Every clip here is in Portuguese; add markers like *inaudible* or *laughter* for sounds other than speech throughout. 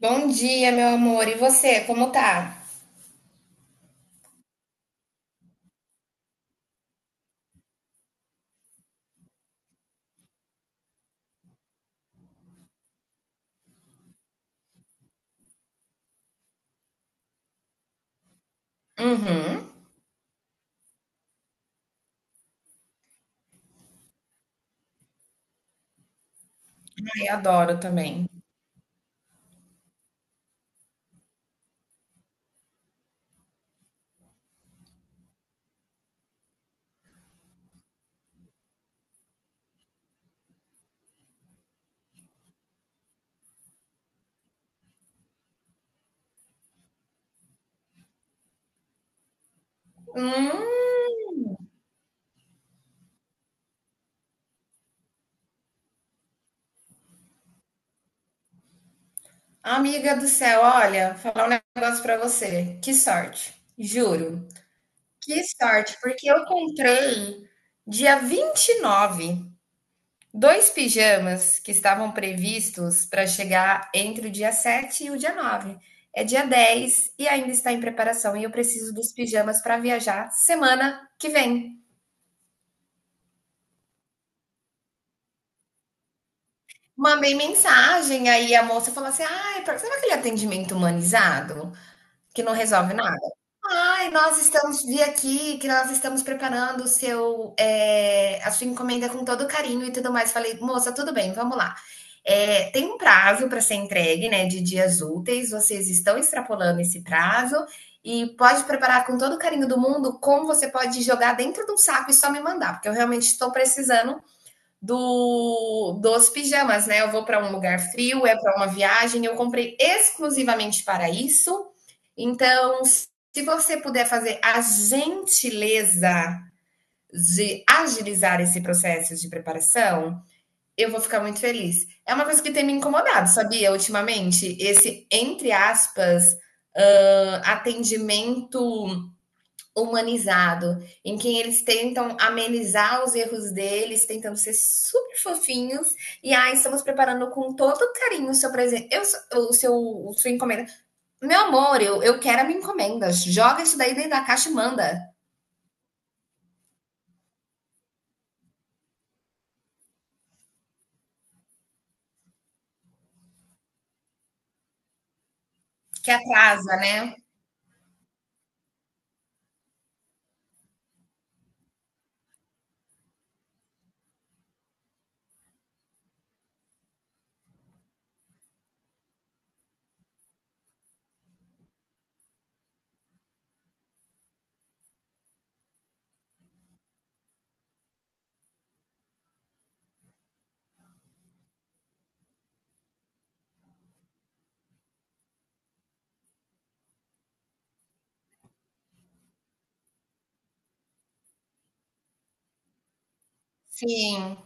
Bom dia, meu amor. E você, como tá? Uhum. Ai, adoro também. Hum, amiga do céu, olha, falar um negócio pra você. Que sorte, juro. Que sorte, porque eu comprei dia 29 dois pijamas que estavam previstos para chegar entre o dia 7 e o dia 9. É dia 10 e ainda está em preparação e eu preciso dos pijamas para viajar semana que vem. Mandei mensagem, aí a moça falou assim: "Ai, pra sabe aquele atendimento humanizado, que não resolve nada? Ai, nós estamos vi aqui que nós estamos preparando o seu, a sua encomenda com todo carinho e tudo mais". Falei: "Moça, tudo bem, vamos lá. Tem um prazo para ser entregue, né, de dias úteis, vocês estão extrapolando esse prazo e pode preparar com todo o carinho do mundo, como você pode jogar dentro de um saco e só me mandar, porque eu realmente estou precisando do dos pijamas, né? Eu vou para um lugar frio, é para uma viagem, eu comprei exclusivamente para isso. Então, se você puder fazer a gentileza de agilizar esse processo de preparação, eu vou ficar muito feliz. É uma coisa que tem me incomodado, sabia? Ultimamente, esse, entre aspas, ah, atendimento humanizado, em que eles tentam amenizar os erros deles, tentando ser super fofinhos. E aí estamos preparando com todo carinho o seu presente, o seu, o sua encomenda. Meu amor, eu quero a minha encomenda. Joga isso daí dentro da caixa e manda, que atrasa, né? Sim.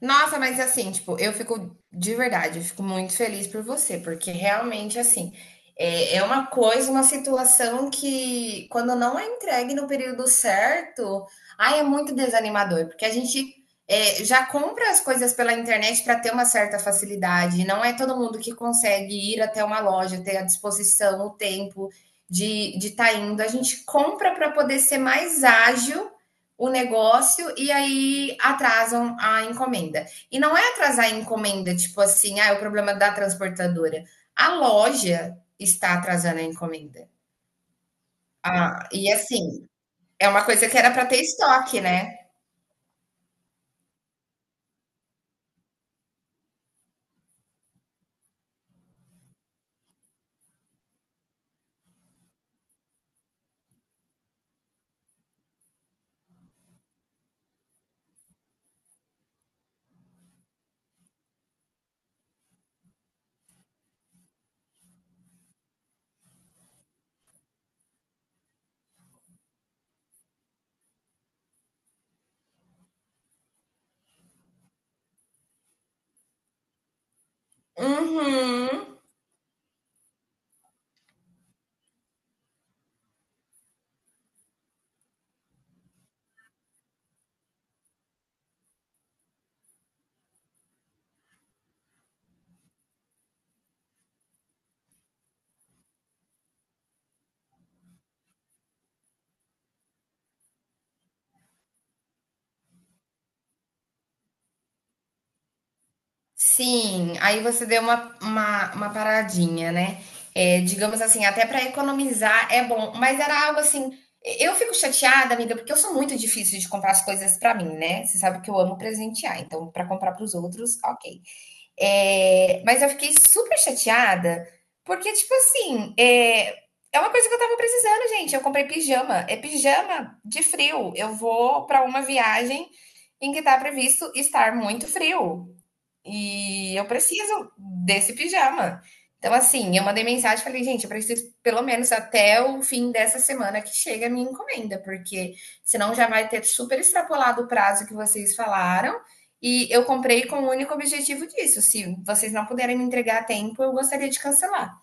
Nossa, mas assim, tipo, eu fico de verdade, eu fico muito feliz por você, porque realmente, assim, é uma coisa, uma situação que, quando não é entregue no período certo, ai, é muito desanimador, porque a gente já compra as coisas pela internet para ter uma certa facilidade, não é todo mundo que consegue ir até uma loja, ter a disposição, o tempo de estar de tá indo. A gente compra para poder ser mais ágil o negócio e aí atrasam a encomenda. E não é atrasar a encomenda, tipo assim, ah, é o problema da transportadora. A loja está atrasando a encomenda. Ah, e assim, é uma coisa que era para ter estoque, né? Uhum. Sim, aí você deu uma paradinha, né? É, digamos assim, até para economizar é bom, mas era algo assim. Eu fico chateada, amiga, porque eu sou muito difícil de comprar as coisas para mim, né? Você sabe que eu amo presentear, então para comprar para os outros, ok. É, mas eu fiquei super chateada, porque, tipo assim, é uma coisa que eu tava precisando, gente. Eu comprei pijama, é pijama de frio. Eu vou para uma viagem em que tá previsto estar muito frio. E eu preciso desse pijama. Então, assim, eu mandei mensagem e falei, gente, eu preciso pelo menos até o fim dessa semana que chega a minha encomenda, porque senão já vai ter super extrapolado o prazo que vocês falaram. E eu comprei com o único objetivo disso. Se vocês não puderem me entregar a tempo, eu gostaria de cancelar.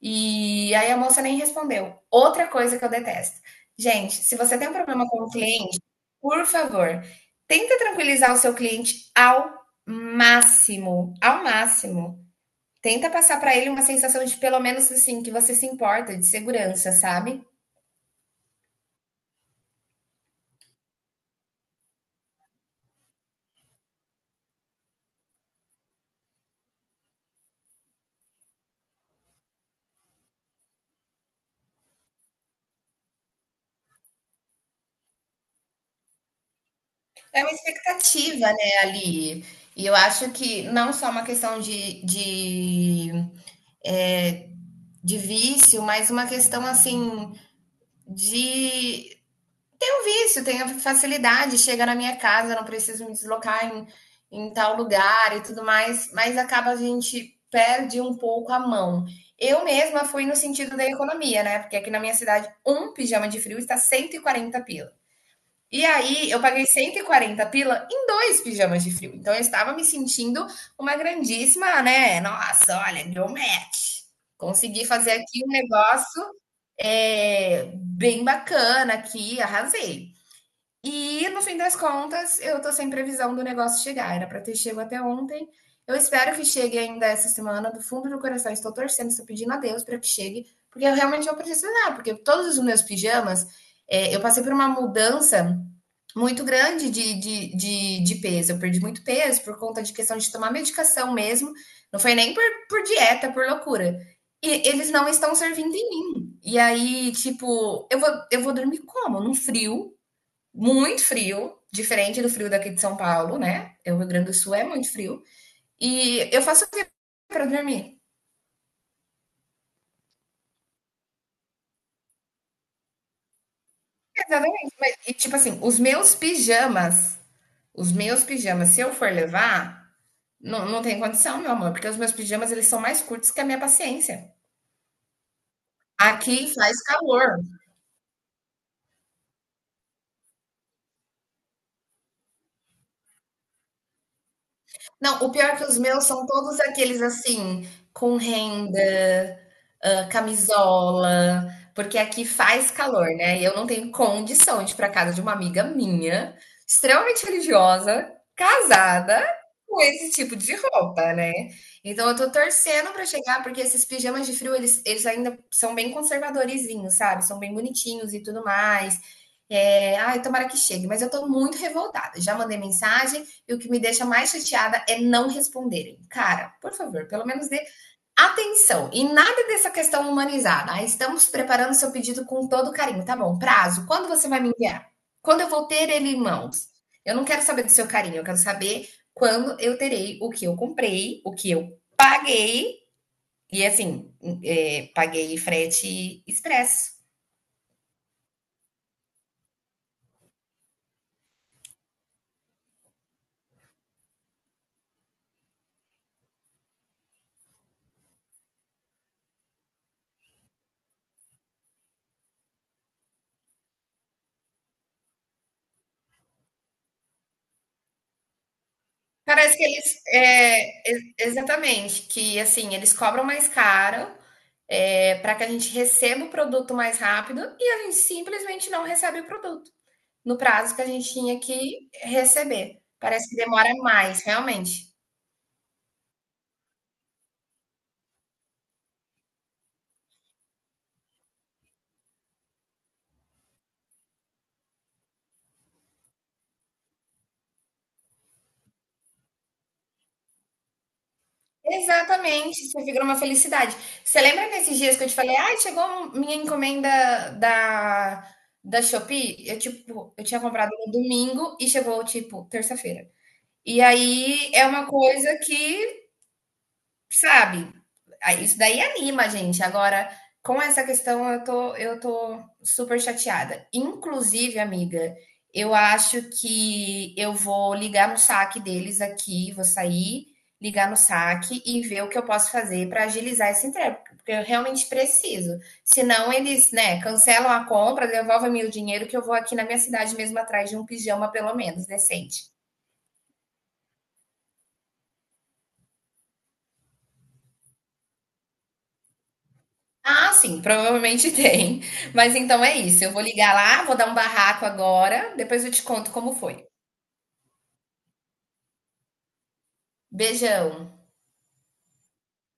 E aí a moça nem respondeu. Outra coisa que eu detesto. Gente, se você tem um problema com o cliente, por favor, tenta tranquilizar o seu cliente ao máximo, ao máximo. Tenta passar para ele uma sensação de pelo menos assim que você se importa, de segurança, sabe? É uma expectativa, né, ali. E eu acho que não só uma questão de vício, mas uma questão assim de um vício, tenho facilidade, chega na minha casa, não preciso me deslocar em tal lugar e tudo mais, mas acaba a gente perde um pouco a mão. Eu mesma fui no sentido da economia, né? Porque aqui na minha cidade, um pijama de frio está 140 pila. E aí, eu paguei 140 pila em dois pijamas de frio. Então, eu estava me sentindo uma grandíssima, né? Nossa, olha, deu match. Consegui fazer aqui um negócio bem bacana aqui, arrasei. E no fim das contas, eu tô sem previsão do negócio chegar. Era para ter chego até ontem. Eu espero que chegue ainda essa semana. Do fundo do coração, estou torcendo, estou pedindo a Deus para que chegue, porque eu realmente vou precisar. Porque todos os meus pijamas, eu passei por uma mudança muito grande de peso. Eu perdi muito peso por conta de questão de tomar medicação mesmo. Não foi nem por dieta, por loucura. E eles não estão servindo em mim. E aí, tipo, eu vou dormir como? Num frio muito frio, diferente do frio daqui de São Paulo, né? É, o Rio Grande do Sul é muito frio. E eu faço o que para dormir? Exatamente. E tipo assim, os meus pijamas, se eu for levar, não tem condição, meu amor, porque os meus pijamas eles são mais curtos que a minha paciência. Aqui faz calor. Não, o pior é que os meus são todos aqueles assim, com renda, hã, camisola, porque aqui faz calor, né, e eu não tenho condição de ir para casa de uma amiga minha, extremamente religiosa, casada, com esse tipo de roupa, né. Então eu tô torcendo para chegar, porque esses pijamas de frio eles ainda são bem conservadorzinhos, sabe, são bem bonitinhos e tudo mais. Ai, tomara que chegue, mas eu tô muito revoltada. Já mandei mensagem e o que me deixa mais chateada é não responderem. Cara, por favor, pelo menos dê atenção. E nada dessa questão humanizada. Ah, estamos preparando seu pedido com todo carinho. Tá bom, prazo. Quando você vai me enviar? Quando eu vou ter ele em mãos? Eu não quero saber do seu carinho, eu quero saber quando eu terei o que eu comprei, o que eu paguei. E assim, é, paguei frete expresso. Parece que eles. É, exatamente, que assim, eles cobram mais caro para que a gente receba o produto mais rápido e a gente simplesmente não recebe o produto no prazo que a gente tinha que receber. Parece que demora mais, realmente. Exatamente, isso vira uma felicidade. Você lembra nesses dias que eu te falei, ai, chegou um, minha encomenda da, da Shopee? Eu, tipo, eu tinha comprado no domingo e chegou, tipo, terça-feira. E aí é uma coisa que sabe? Isso daí anima a gente. Agora, com essa questão, eu tô super chateada. Inclusive, amiga, eu acho que eu vou ligar no saque deles aqui, vou sair, ligar no saque e ver o que eu posso fazer para agilizar esse entrega, porque eu realmente preciso. Senão eles, né, cancelam a compra, devolvem-me o dinheiro que eu vou aqui na minha cidade mesmo atrás de um pijama pelo menos decente. Ah, sim, provavelmente *laughs* tem. Mas então é isso. Eu vou ligar lá, vou dar um barraco agora, depois eu te conto como foi. Beijão.